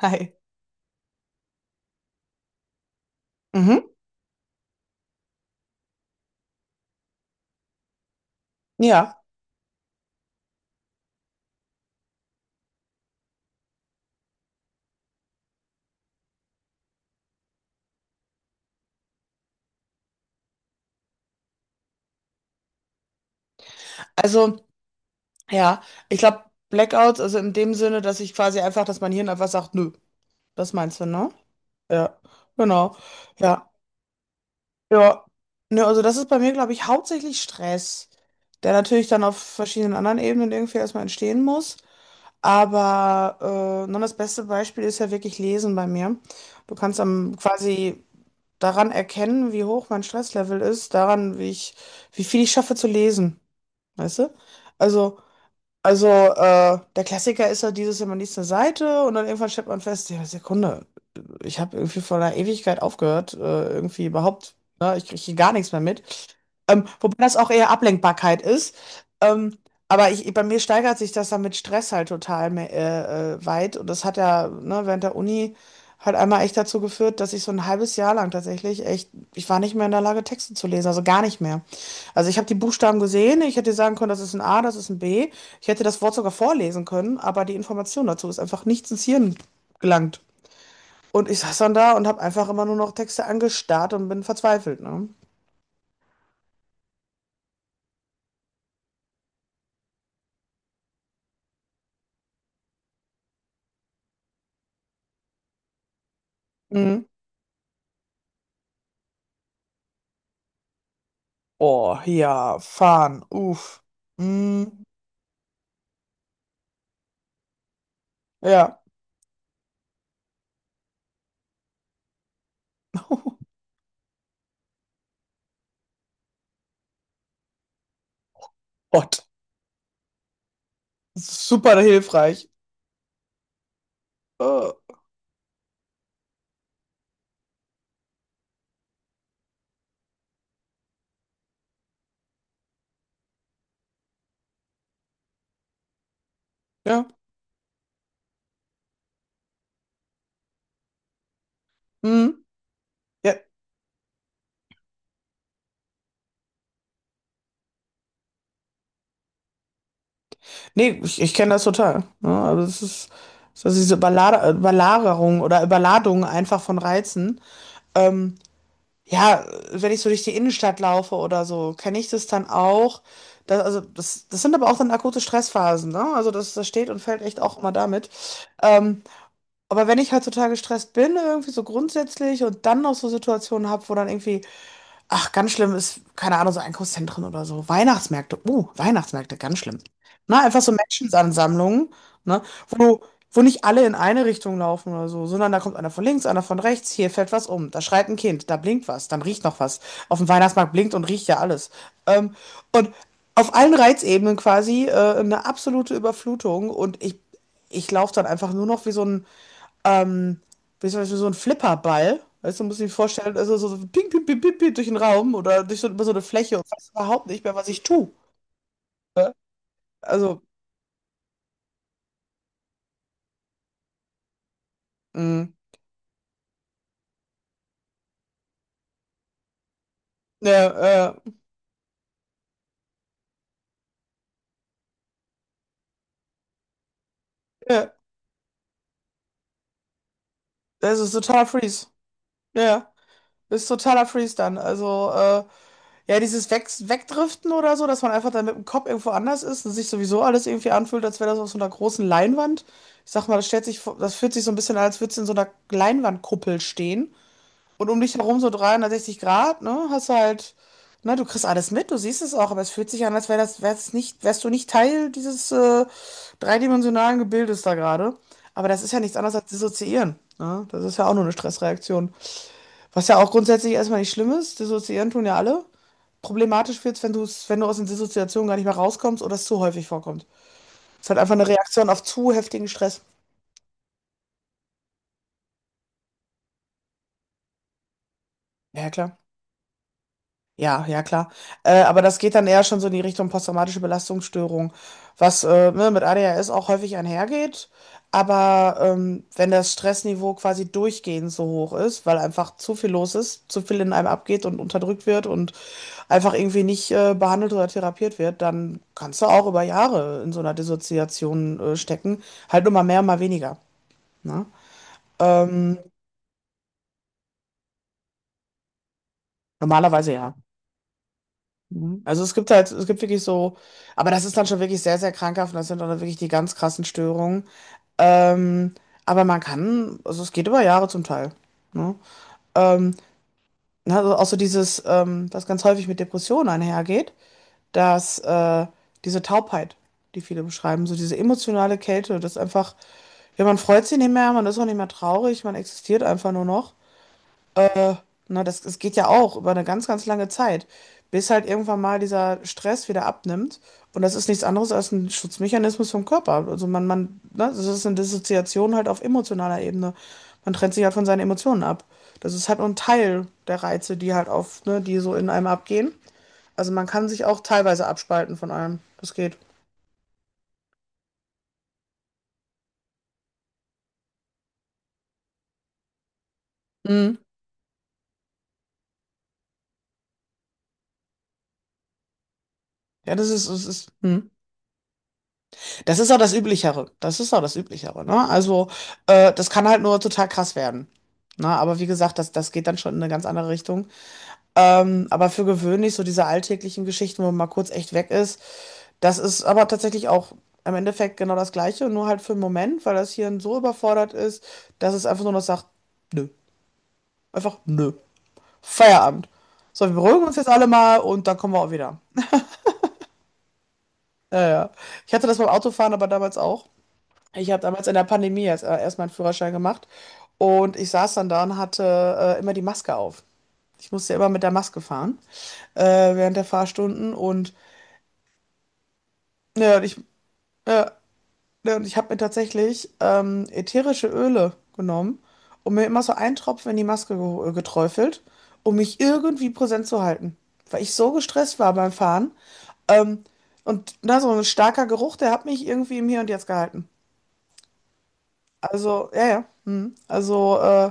Hi. Mhm. Ja, also ja, ich glaube Blackouts, also in dem Sinne, dass ich quasi einfach, dass mein Hirn einfach sagt, nö, das meinst du, ne? Ja, genau. Ja, ja. Ne, also das ist bei mir, glaube ich, hauptsächlich Stress, der natürlich dann auf verschiedenen anderen Ebenen irgendwie erstmal entstehen muss. Aber nun das beste Beispiel ist ja wirklich Lesen bei mir. Du kannst am quasi daran erkennen, wie hoch mein Stresslevel ist, daran, wie ich, wie viel ich schaffe zu lesen, weißt du? Also Also, der Klassiker ist ja dieses, ja, man liest eine Seite und dann irgendwann stellt man fest, ja, Sekunde, ich habe irgendwie vor einer Ewigkeit aufgehört, irgendwie überhaupt, ne, ich kriege gar nichts mehr mit. Wobei das auch eher Ablenkbarkeit ist. Ähm, aber ich, bei mir steigert sich das dann mit Stress halt total weit. Und das hat ja, ne, während der Uni halt einmal echt dazu geführt, dass ich so ein halbes Jahr lang tatsächlich echt, ich war nicht mehr in der Lage, Texte zu lesen, also gar nicht mehr. Also ich habe die Buchstaben gesehen, ich hätte sagen können, das ist ein A, das ist ein B. Ich hätte das Wort sogar vorlesen können, aber die Information dazu ist einfach nicht ins Hirn gelangt. Und ich saß dann da und habe einfach immer nur noch Texte angestarrt und bin verzweifelt, ne? Mhm. Oh, ja, fahren, uff. Mhm. Ja. Gott, das ist super hilfreich. Äh, ja. Mhm. Ja. Nee, ich kenne das total. Ja, also es ist diese Überlader- Überlagerung oder Überladung einfach von Reizen. Ähm, Ja, wenn ich so durch die Innenstadt laufe oder so, kenne ich das dann auch. Das, also das, das sind aber auch dann akute Stressphasen, ne? Also das, das steht und fällt echt auch immer damit. Ähm, aber wenn ich halt total gestresst bin, irgendwie so grundsätzlich und dann noch so Situationen habe, wo dann irgendwie. Ach, ganz schlimm ist, keine Ahnung, so Einkaufszentren oder so. Weihnachtsmärkte, Weihnachtsmärkte, ganz schlimm. Na, einfach so Menschenansammlungen, ne, wo, wo nicht alle in eine Richtung laufen oder so, sondern da kommt einer von links, einer von rechts, hier fällt was um, da schreit ein Kind, da blinkt was, dann riecht noch was. Auf dem Weihnachtsmarkt blinkt und riecht ja alles. Ähm, und auf allen Reizebenen quasi eine absolute Überflutung und ich laufe dann einfach nur noch wie so ein ähm, wie zum Beispiel so ein Flipperball. Weißt du, muss ich mir vorstellen, also so, so ping, ping, ping, ping, ping durch den Raum oder durch so, über so eine Fläche und weiß überhaupt nicht mehr, was ich tue. Ja? Also, mh, ja, ja, das ist totaler Freeze. Ja, das ist totaler Freeze dann. Also, ja, dieses Wegdriften oder so, dass man einfach dann mit dem Kopf irgendwo anders ist und sich sowieso alles irgendwie anfühlt, als wäre das auf so einer großen Leinwand. Ich sag mal, das stellt sich, vor- das fühlt sich so ein bisschen an, als würde es in so einer Leinwandkuppel stehen. Und um dich herum so 360 Grad, ne? Hast du halt, ne, du kriegst alles mit, du siehst es auch, aber es fühlt sich an, als wär das, wär's nicht, wärst du nicht Teil dieses dreidimensionalen Gebildes da gerade. Aber das ist ja nichts anderes als dissoziieren. Ne? Das ist ja auch nur eine Stressreaktion. Was ja auch grundsätzlich erstmal nicht schlimm ist, dissoziieren tun ja alle. Problematisch wird's, wenn du aus den Dissoziationen gar nicht mehr rauskommst oder es zu häufig vorkommt. Es ist halt einfach eine Reaktion auf zu heftigen Stress. Ja, klar. Ja, ja, klar. Aber das geht dann eher schon so in die Richtung posttraumatische Belastungsstörung, was ne, mit ADHS auch häufig einhergeht. Aber wenn das Stressniveau quasi durchgehend so hoch ist, weil einfach zu viel los ist, zu viel in einem abgeht und unterdrückt wird und einfach irgendwie nicht behandelt oder therapiert wird, dann kannst du auch über Jahre in so einer Dissoziation stecken. Halt nur mal mehr, mal weniger. Ne? Ähm, Normalerweise ja. Also es gibt halt, es gibt wirklich so, aber das ist dann schon wirklich sehr, sehr krankhaft und das sind dann wirklich die ganz krassen Störungen. Ähm, aber man kann, also es geht über Jahre zum Teil. Ne? Ähm, na, also auch so dieses, was ganz häufig mit Depressionen einhergeht, dass diese Taubheit, die viele beschreiben, so diese emotionale Kälte, das ist einfach, ja, man freut sich nicht mehr, man ist auch nicht mehr traurig, man existiert einfach nur noch. Na, das, das geht ja auch über eine ganz, ganz lange Zeit, bis halt irgendwann mal dieser Stress wieder abnimmt. Und das ist nichts anderes als ein Schutzmechanismus vom Körper. Also man, ne, das ist eine Dissoziation halt auf emotionaler Ebene. Man trennt sich halt von seinen Emotionen ab. Das ist halt nur ein Teil der Reize, die halt auf, ne, die so in einem abgehen. Also man kann sich auch teilweise abspalten von allem. Das geht. Mhm. Ja, das ist, es ist, mhm. Das ist auch das Üblichere. Das ist auch das Üblichere, ne? Also, das kann halt nur total krass werden. Ne? Aber wie gesagt, das, das geht dann schon in eine ganz andere Richtung. Aber für gewöhnlich, so diese alltäglichen Geschichten, wo man mal kurz echt weg ist, das ist aber tatsächlich auch im Endeffekt genau das Gleiche, nur halt für einen Moment, weil das Hirn so überfordert ist, dass es einfach nur noch sagt, nö. Einfach nö. Feierabend. So, wir beruhigen uns jetzt alle mal und dann kommen wir auch wieder. Ja, ja. Ich hatte das beim Autofahren aber damals auch. Ich habe damals in der Pandemie erst meinen Führerschein gemacht und ich saß dann da und hatte immer die Maske auf. Ich musste ja immer mit der Maske fahren äh, während der Fahrstunden und, ja, und ich, ja, ja, und ich habe mir tatsächlich ätherische Öle genommen und mir immer so einen Tropfen in die Maske ge geträufelt, um mich irgendwie präsent zu halten, weil ich so gestresst war beim Fahren. Ähm, und na, so ein starker Geruch, der hat mich irgendwie im Hier und Jetzt gehalten. Also, ja, ja. Mhm. Also,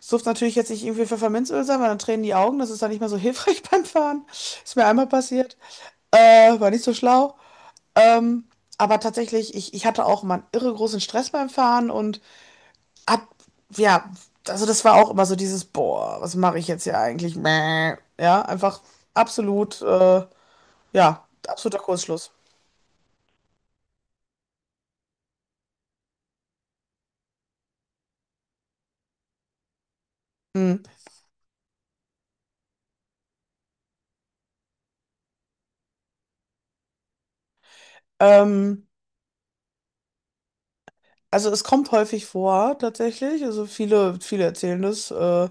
es durfte natürlich jetzt nicht irgendwie Pfefferminzöl sein, weil dann tränen die Augen. Das ist dann nicht mehr so hilfreich beim Fahren. Ist mir einmal passiert. War nicht so schlau. Ähm, aber tatsächlich, ich hatte auch immer einen irre großen Stress beim Fahren und hab, ja, also das war auch immer so dieses, boah, was mache ich jetzt hier eigentlich? Mäh. Ja, einfach absolut, äh, ja, absoluter Kursschluss. Mhm. Ähm, also es kommt häufig vor, tatsächlich. Also viele, viele erzählen das.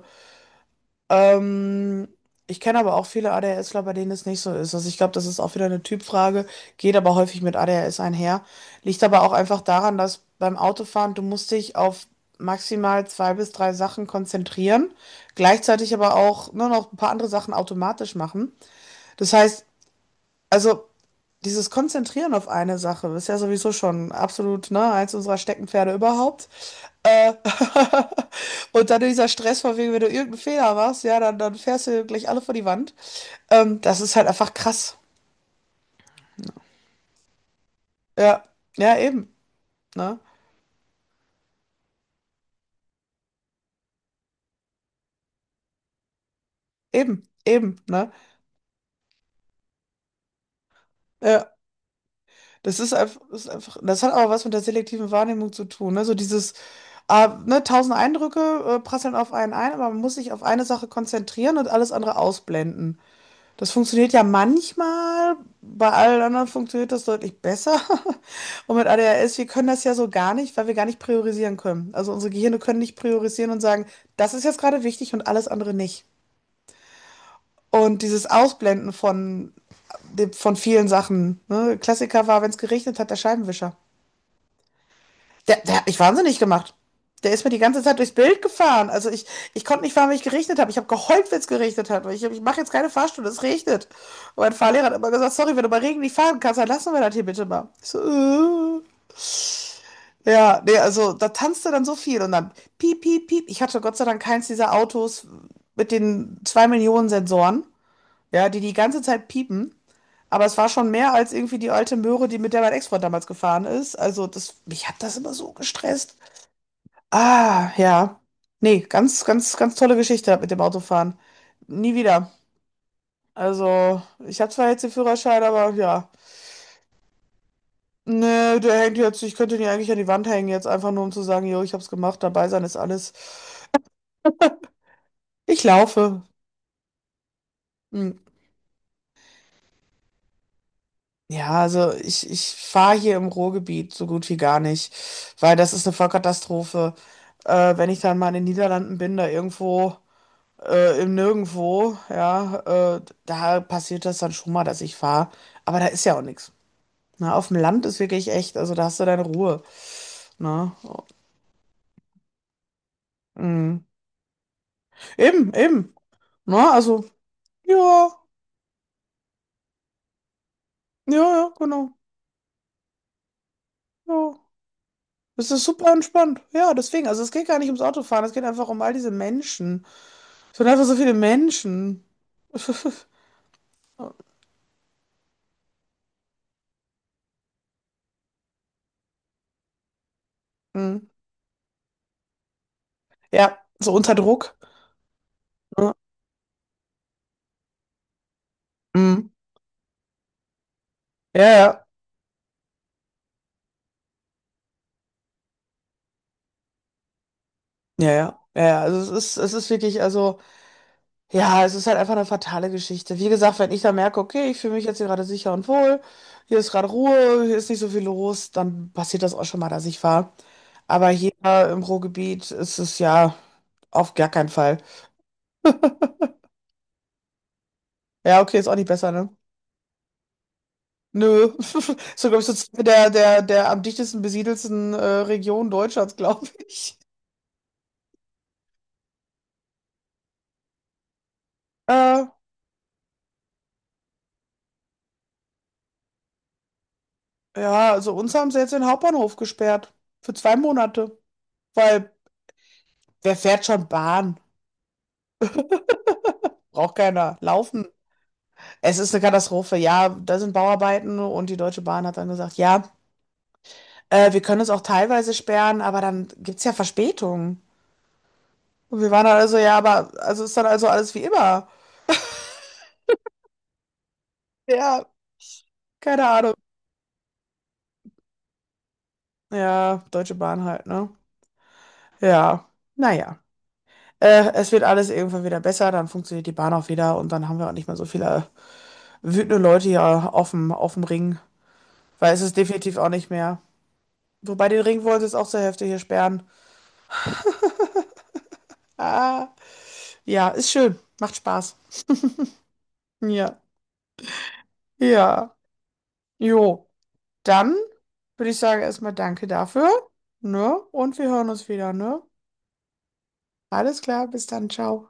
Ähm, Ich kenne aber auch viele ADHSler, bei denen es nicht so ist. Also ich glaube, das ist auch wieder eine Typfrage, geht aber häufig mit ADHS einher. Liegt aber auch einfach daran, dass beim Autofahren du musst dich auf maximal zwei bis drei Sachen konzentrieren, gleichzeitig aber auch nur noch ein paar andere Sachen automatisch machen. Das heißt, also dieses Konzentrieren auf eine Sache ist ja sowieso schon absolut, ne, eins unserer Steckenpferde überhaupt. Äh, und dann dieser Stress von wegen, wenn du irgendeinen Fehler machst, ja, dann, dann fährst du gleich alle vor die Wand. Das ist halt einfach krass. Ja, ja, eben, ne? Eben, eben, ne? Ja, das ist einfach, das hat aber was mit der selektiven Wahrnehmung zu tun, ne? So dieses, ah, ne, tausend Eindrücke, prasseln auf einen ein, aber man muss sich auf eine Sache konzentrieren und alles andere ausblenden. Das funktioniert ja manchmal, bei allen anderen funktioniert das deutlich besser. Und mit ADHS, wir können das ja so gar nicht, weil wir gar nicht priorisieren können. Also unsere Gehirne können nicht priorisieren und sagen, das ist jetzt gerade wichtig und alles andere nicht. Und dieses Ausblenden von, de- von vielen Sachen. Ne? Klassiker war, wenn es geregnet hat, der Scheibenwischer. Der, der hat mich wahnsinnig gemacht. Der ist mir die ganze Zeit durchs Bild gefahren. Also ich konnte nicht fahren, weil ich geregnet habe. Ich habe geheult, wenn es geregnet hat. Weil ich mache jetzt keine Fahrstunde, es regnet. Und mein Fahrlehrer hat immer gesagt, sorry, wenn du bei Regen nicht fahren kannst, dann lassen wir das hier bitte mal. Ich so. Ja, nee, also da tanzte dann so viel und dann piep, piep, piep. Ich hatte Gott sei Dank keins dieser Autos mit den 2 Millionen Sensoren, ja, die die ganze Zeit piepen. Aber es war schon mehr als irgendwie die alte Möhre, die mit der mein Ex-Freund damals gefahren ist. Also das, mich hat das immer so gestresst. Ah, ja. Nee, ganz, ganz, ganz tolle Geschichte mit dem Autofahren. Nie wieder. Also, ich habe zwar jetzt den Führerschein, aber ja. Nee, der hängt jetzt, ich könnte ihn ja eigentlich an die Wand hängen, jetzt einfach nur um zu sagen, jo, ich hab's gemacht, dabei sein ist alles. Ich laufe. Hm. Ja, also ich fahre hier im Ruhrgebiet so gut wie gar nicht, weil das ist eine Vollkatastrophe. Wenn ich dann mal in den Niederlanden bin, da irgendwo. Im Nirgendwo, ja, da passiert das dann schon mal, dass ich fahre. Aber da ist ja auch nichts. Na, auf dem Land ist wirklich echt, also da hast du deine Ruhe. Na, mm. Eben, eben. Na, also, ja, ja, ja, genau. Ja. Es ist super entspannt. Ja, deswegen, also es geht gar nicht ums Autofahren, es geht einfach um all diese Menschen. Es sind einfach so viele Menschen. Mhm. Ja, so unter Druck. Ne? Mhm. Ja, ja, ja, ja, ja. Ja. Also es ist wirklich, also. Ja, es ist halt einfach eine fatale Geschichte. Wie gesagt, wenn ich da merke, okay, ich fühle mich jetzt hier gerade sicher und wohl, hier ist gerade Ruhe, hier ist nicht so viel los, dann passiert das auch schon mal, dass ich fahre. Aber hier im Ruhrgebiet ist es ja auf gar keinen Fall. Ja, okay, ist auch nicht besser, ne? Nö. So, glaube ich, so zwei der, der, der am dichtesten besiedelsten Region Deutschlands, glaube ich. Äh, ja, also uns haben sie jetzt den Hauptbahnhof gesperrt. Für 2 Monate. Weil wer fährt schon Bahn? Braucht keiner. Laufen. Es ist eine Katastrophe, ja, da sind Bauarbeiten und die Deutsche Bahn hat dann gesagt, ja, wir können es auch teilweise sperren, aber dann gibt es ja Verspätungen. Und wir waren dann also, ja, aber also ist dann also alles wie immer. Ja, keine Ahnung. Ja, Deutsche Bahn halt, ne? Ja, naja. Es wird alles irgendwann wieder besser, dann funktioniert die Bahn auch wieder und dann haben wir auch nicht mehr so viele wütende Leute hier auf dem Ring, weil es ist definitiv auch nicht mehr. Wobei den Ring wollen sie jetzt auch zur Hälfte hier sperren. Ah, ja, ist schön, macht Spaß. Ja, ja. Jo, dann würde ich sagen erstmal danke dafür, ne? Und wir hören uns wieder, ne? Alles klar, bis dann, ciao.